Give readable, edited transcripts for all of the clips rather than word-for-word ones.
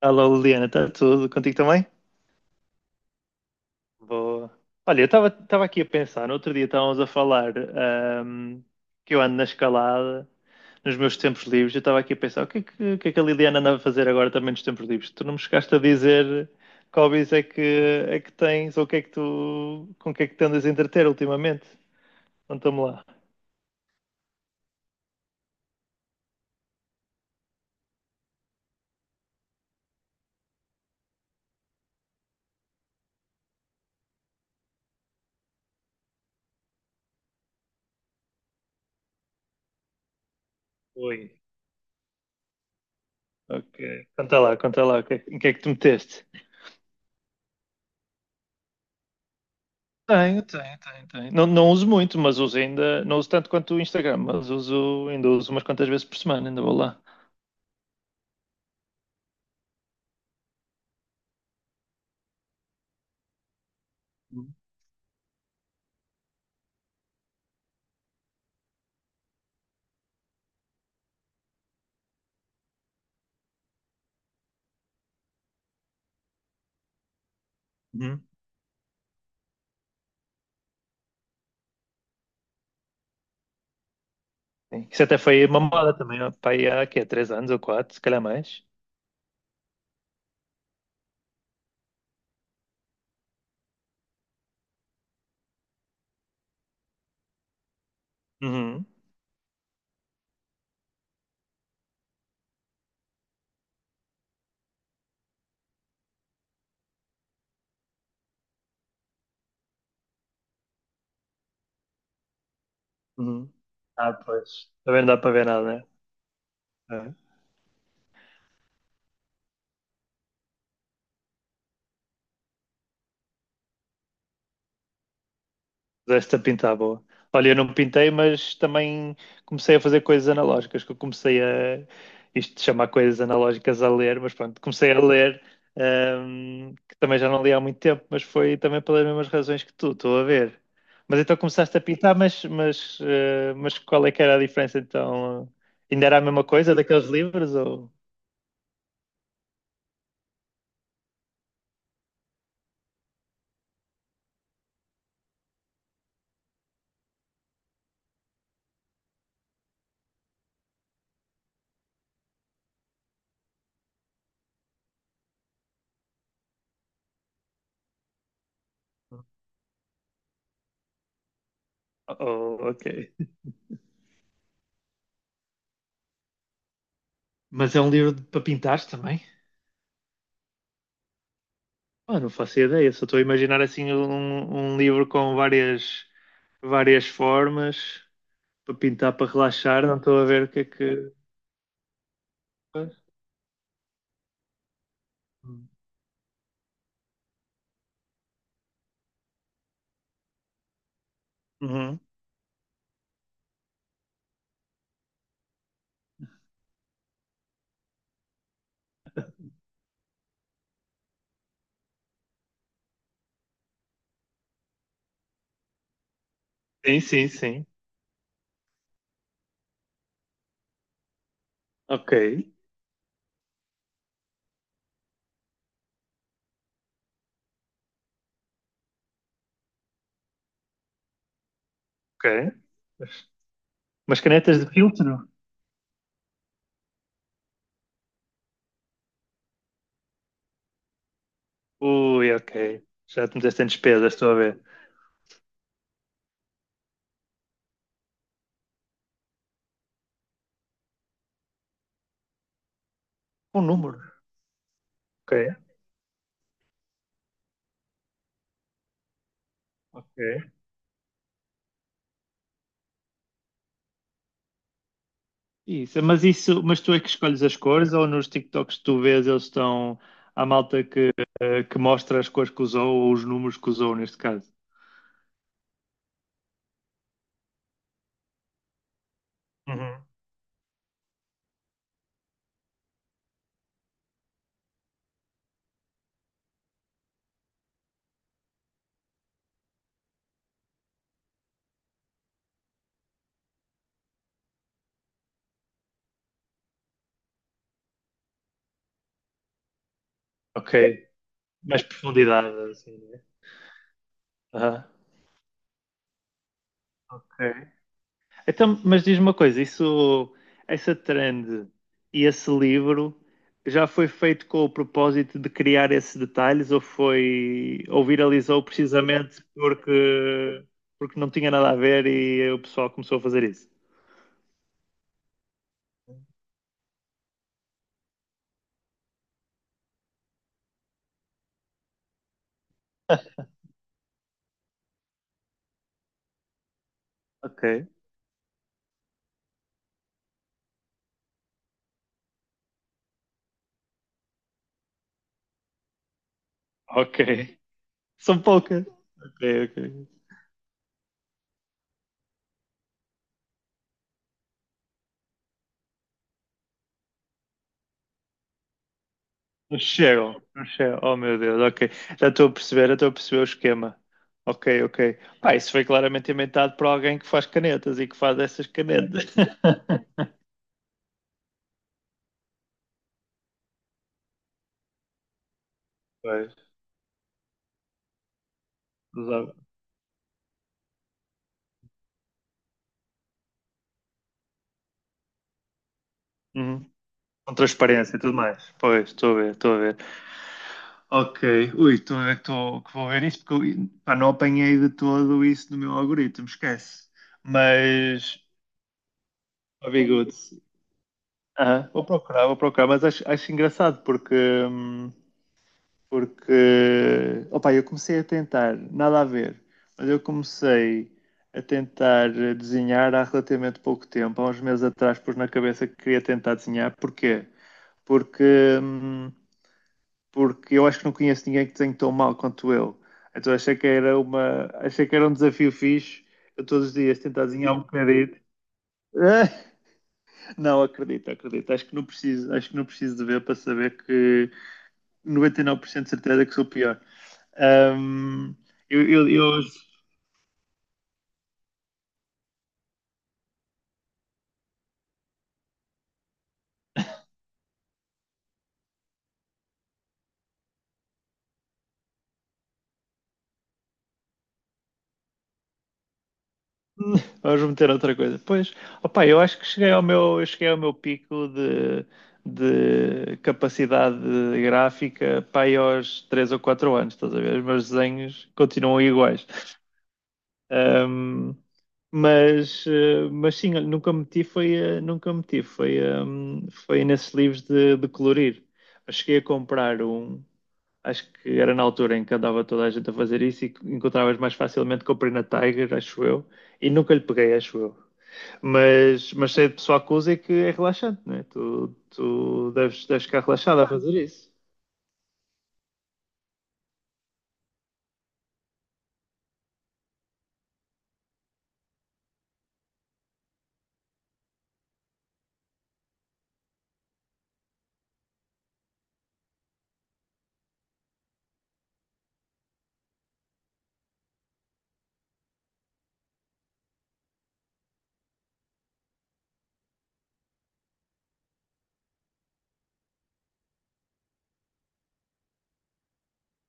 Alô, Liliana, está tudo contigo também? Boa. Olha, eu estava aqui a pensar, no outro dia estávamos a falar, ahm, que eu ando na escalada, nos meus tempos livres. Eu estava aqui a pensar o que é que a Liliana anda a fazer agora também nos tempos livres? Tu não me chegaste a dizer que hobbies é que tens ou o que é que tu, com o que é que te andas a entreter ultimamente? Conta-me lá. Oi. Ok, conta lá, o que é que- em que é que tu meteste? Tenho, tenho, tenho, tenho. Não, não uso muito, mas uso ainda. Não uso tanto quanto o Instagram, mas uso, ainda uso umas quantas vezes por semana, ainda vou lá. Uhum. Uhum. Sim. Isso até foi uma moda também, ó, pá, aí há quê? 3 anos ou quatro, se calhar mais. Uhum. Uhum. Ah, pois. Também não dá para ver nada, né? É. Esta pintar boa. Olha, eu não pintei, mas também comecei a fazer coisas analógicas, que eu comecei a isto de chamar coisas analógicas a ler. Mas pronto, comecei a ler, que também já não li há muito tempo, mas foi também pelas mesmas razões que tu, estou a ver. Mas então começaste a pintar, mas qual é que era a diferença então? Ainda era a mesma coisa daqueles livros ou ok? Mas é um livro para pintar também? Ah, não faço ideia, só estou a imaginar assim um livro com várias formas para pintar, para relaxar, não estou a ver o que é que. Uhum. Sim, sim, sim. Ok, ok. Mas mas canetas de filtro? Ui, ok. Já te meteste em despesas, estou a ver. Um número. Ok, ok. Isso, mas tu é que escolhes as cores ou nos TikToks que tu vês eles estão. Há malta que mostra as cores que usou ou os números que usou neste caso? Ok. Mais profundidade, assim. Aham. Ok. Então, mas diz-me uma coisa, essa trend e esse livro já foi feito com o propósito de criar esses detalhes ou foi, ou viralizou precisamente porque não tinha nada a ver e o pessoal começou a fazer isso? Ok. Ok. São poucas. Ok, ok. Não chegam, não chegam. Oh meu Deus, ok. Já estou a perceber, já estou a perceber o esquema. Ok, ok. Pá, isso foi claramente inventado por alguém que faz canetas e que faz essas canetas. Pois, usava. Uhum. Com transparência e tudo mais. Pois, estou a ver, estou a ver. Ok, ui, estou a ver que, que vou ver isso, porque eu, pá, não apanhei de todo isso no meu algoritmo, esquece. Mas, ó, Bigude, vou procurar, mas acho engraçado porque. Porque, opa, eu comecei a tentar, nada a ver, mas eu comecei a tentar desenhar há relativamente pouco tempo. Há uns meses atrás pus na cabeça que queria tentar desenhar. Porquê? Porque, hum, porque eu acho que não conheço ninguém que desenhe tão mal quanto eu. Então achei que era um desafio fixe. Eu todos os dias tentar desenhar um bocadinho. Ah, não, acredito, acredito. Acho que não preciso, acho que não preciso de ver para saber que 99% de certeza que sou pior. Ahm, eu. Vamos meter outra coisa. Pois, opa, eu acho que cheguei ao meu, eu cheguei ao meu pico de capacidade gráfica para aí aos 3 ou 4 anos, estás a ver? Os meus desenhos continuam iguais. Um, mas sim, olha, nunca meti foi, nunca meti foi, foi nesses livros de colorir. Eu cheguei a comprar um, acho que era na altura em que andava toda a gente a fazer isso e que encontravas mais facilmente, comprei na Tiger, acho eu, e nunca lhe peguei, acho eu. Mas sei de pessoal que usa e que é relaxante, não é? Tu deves ficar relaxado a fazer isso.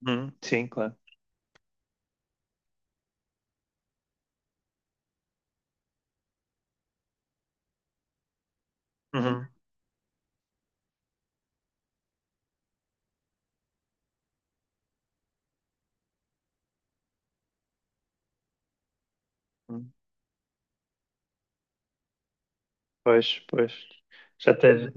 Uhum, sim, claro. Uhum, uhum. Pois, pois. Já tens.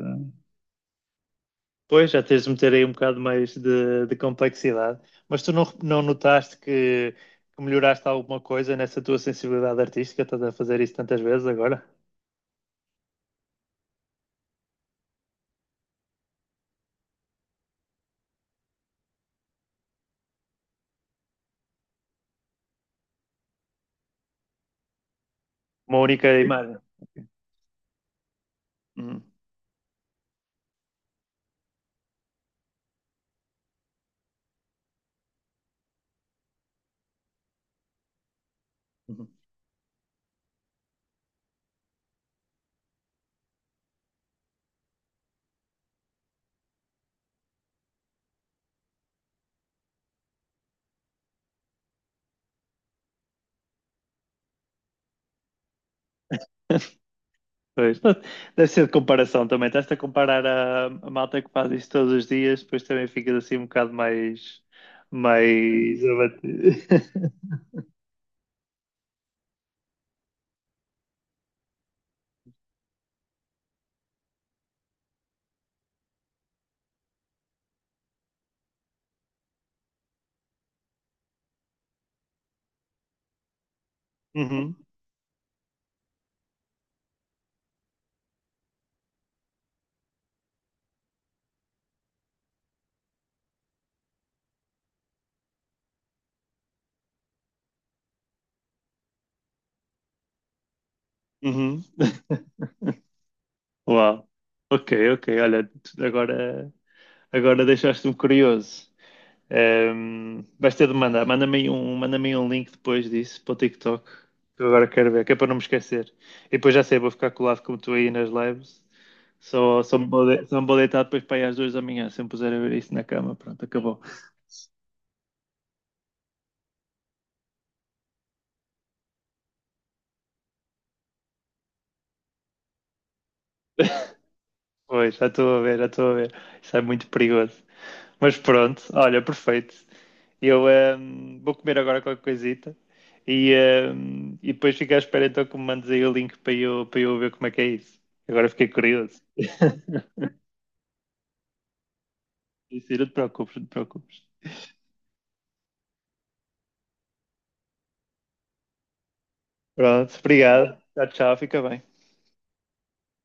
Pois, já tens de meter aí um bocado mais de complexidade. Mas tu não notaste que melhoraste alguma coisa nessa tua sensibilidade artística? Estás a fazer isso tantas vezes agora? Uma única, sim, imagem. Hum. Hum. Pois, deve ser de comparação também. Estás-te a comparar a malta que faz isto todos os dias, depois também ficas assim um bocado mais abatido. Uhum, uhum. Uau. Ok, ok. Olha, tu- agora, agora, deixaste-me curioso. Vais ter de mandar. Manda-me aí um link depois disso para o TikTok. Que eu agora quero ver, que é para não me esquecer. E depois já sei, vou ficar colado como tu aí nas lives. Só me vou deitar depois para ir às 2 da manhã. Se eu me puser a ver isso na cama, pronto, acabou. Pois, já estou a ver, já estou a ver. Isso é muito perigoso. Mas pronto, olha, perfeito. Eu vou comer agora qualquer coisita e depois fico à espera então que me mandes aí o link para eu ver como é que é isso. Agora fiquei curioso. Isso, não te preocupes. Pronto, obrigado. Tchau, tchau, fica bem.